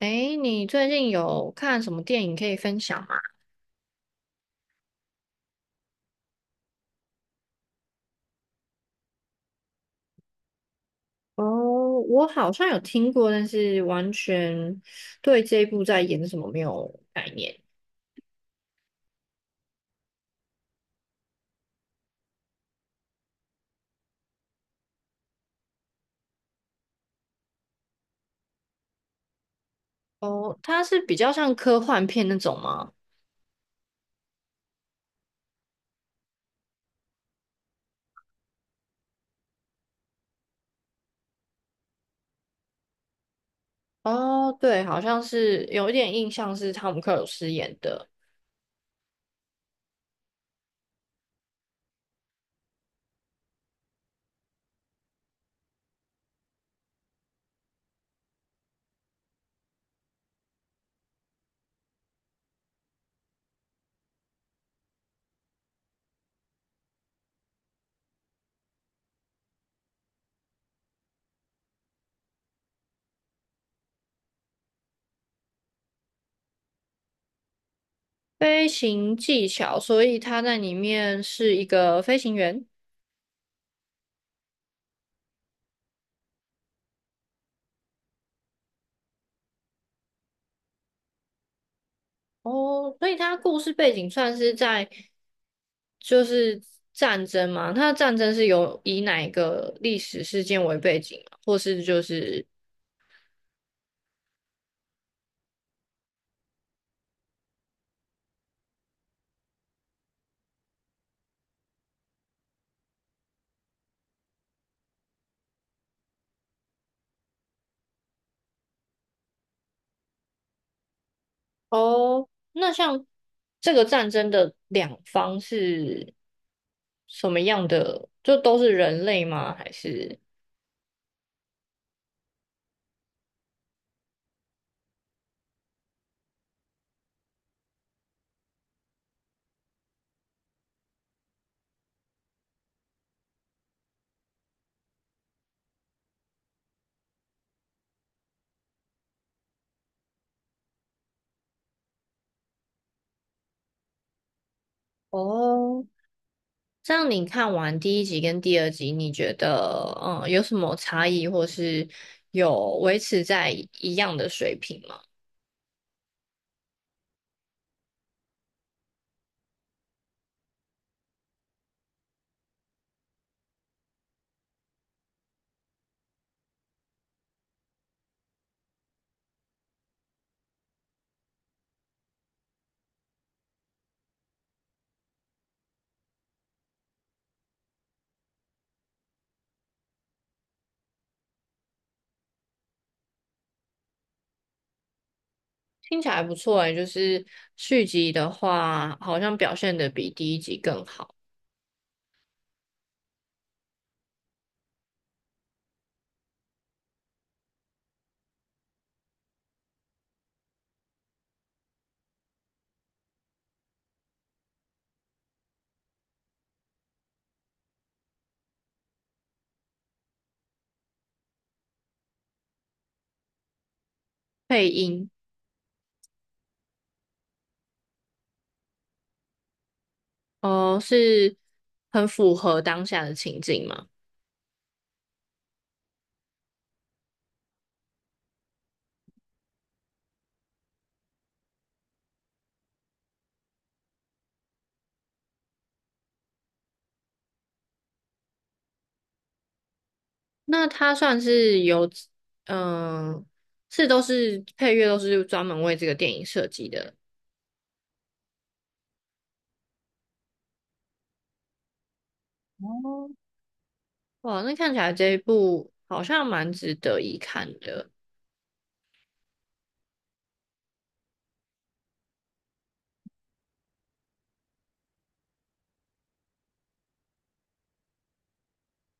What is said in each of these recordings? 诶，你最近有看什么电影可以分享吗？哦，我好像有听过，但是完全对这一部在演什么没有概念。哦，它是比较像科幻片那种吗？哦，对，好像是有一点印象是汤姆克鲁斯演的《飞行技巧》，所以他在里面是一个飞行员。哦，所以它故事背景算是在就是战争嘛？它的战争是有以哪一个历史事件为背景吗？或是就是哦，那像这个战争的两方是什么样的？就都是人类吗？还是哦？这样你看完第一集跟第二集，你觉得嗯有什么差异，或是有维持在一样的水平吗？听起来不错诶，就是续集的话，好像表现的比第一集更好。配音哦，是很符合当下的情境嘛？那它算是有，嗯、是都是配乐都是专门为这个电影设计的。哇，那看起来这一部好像蛮值得一看的。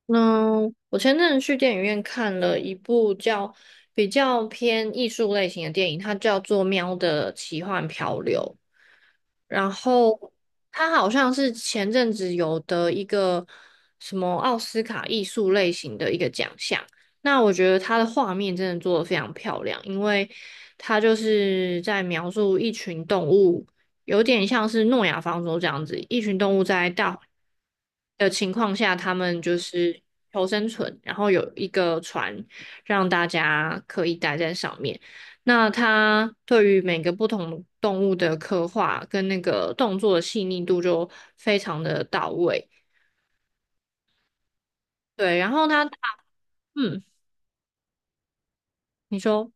嗯，我前阵子去电影院看了一部叫比较偏艺术类型的电影，它叫做《喵的奇幻漂流》。然后他好像是前阵子有得一个什么奥斯卡艺术类型的一个奖项。那我觉得他的画面真的做的非常漂亮，因为他就是在描述一群动物，有点像是诺亚方舟这样子，一群动物在大的情况下，他们就是求生存，然后有一个船让大家可以待在上面。那他对于每个不同动物的刻画跟那个动作的细腻度就非常的到位。对，然后他，嗯，你说。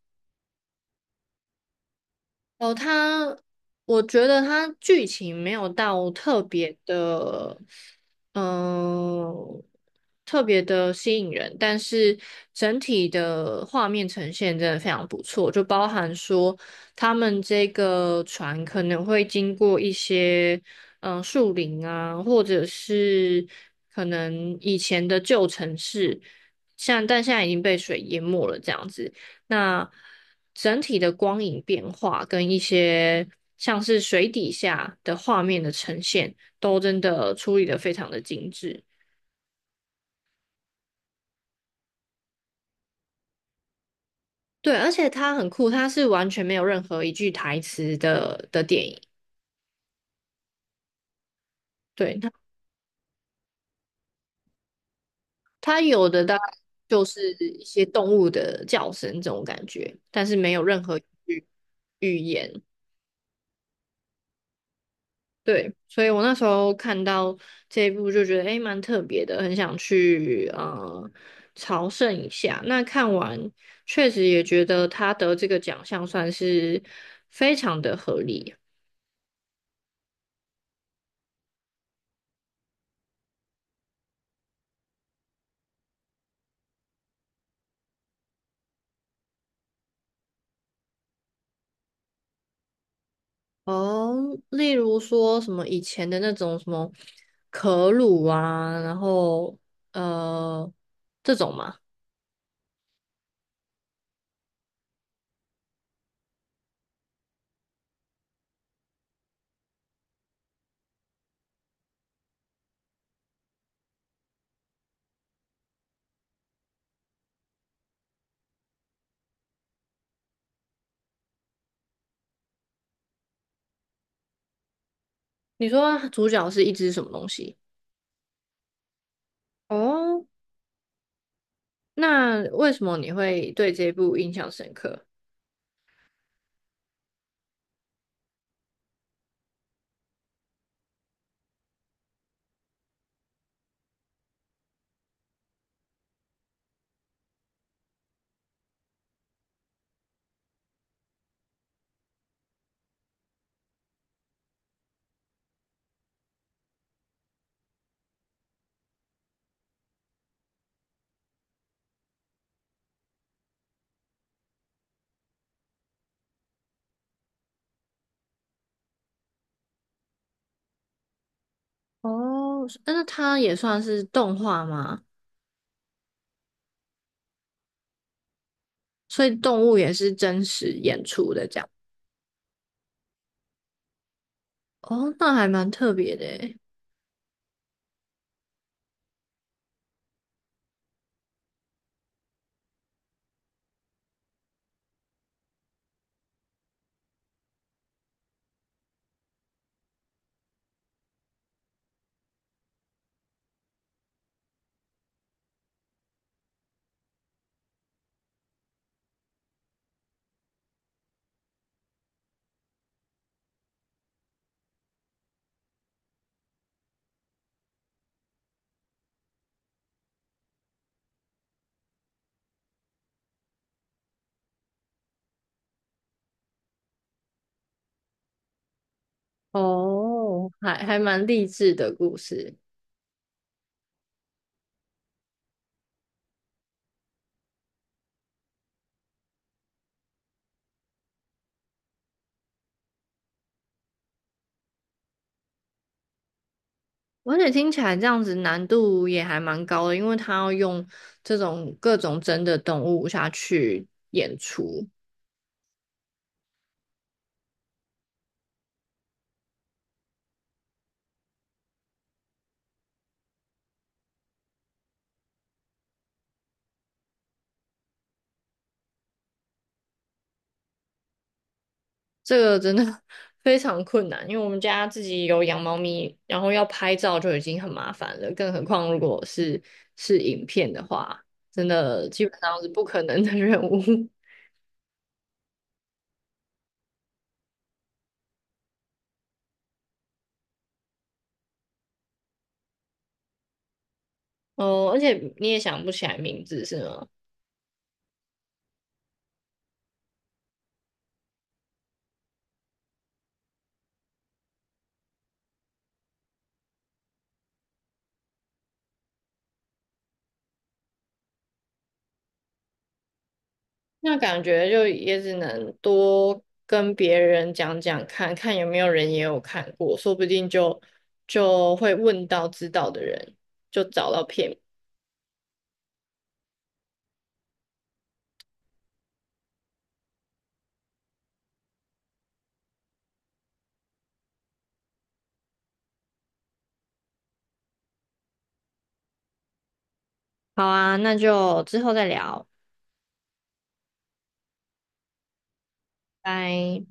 哦，它，我觉得它剧情没有到特别的，嗯、特别的吸引人，但是整体的画面呈现真的非常不错，就包含说他们这个船可能会经过一些，嗯、树林啊，或者是可能以前的旧城市，像但现在已经被水淹没了这样子。那整体的光影变化跟一些像是水底下的画面的呈现，都真的处理的非常的精致。对，而且它很酷，它是完全没有任何一句台词的的电影。对，它有的大概就是一些动物的叫声这种感觉，但是没有任何语言。对，所以我那时候看到这一部就觉得诶蛮特别的，很想去朝圣一下。那看完确实也觉得他得这个奖项算是非常的合理哦。例如说什么以前的那种什么可鲁啊，然后呃这种嘛，你说主角是一只什么东西？哦，那为什么你会对这部印象深刻？哦，但是那它也算是动画吗？所以动物也是真实演出的这样。哦，那还蛮特别的诶。哦，还还蛮励志的故事，而且听起来这样子难度也还蛮高的，因为它要用这种各种真的动物下去演出。这个真的 非常困难，因为我们家自己有养猫咪，然后要拍照就已经很麻烦了，更何况如果是是影片的话，真的基本上是不可能的任务。哦，而且你也想不起来名字是吗？那感觉就也只能多跟别人讲讲看，看有没有人也有看过，说不定就会问到知道的人，就找到片。好啊，那就之后再聊，拜。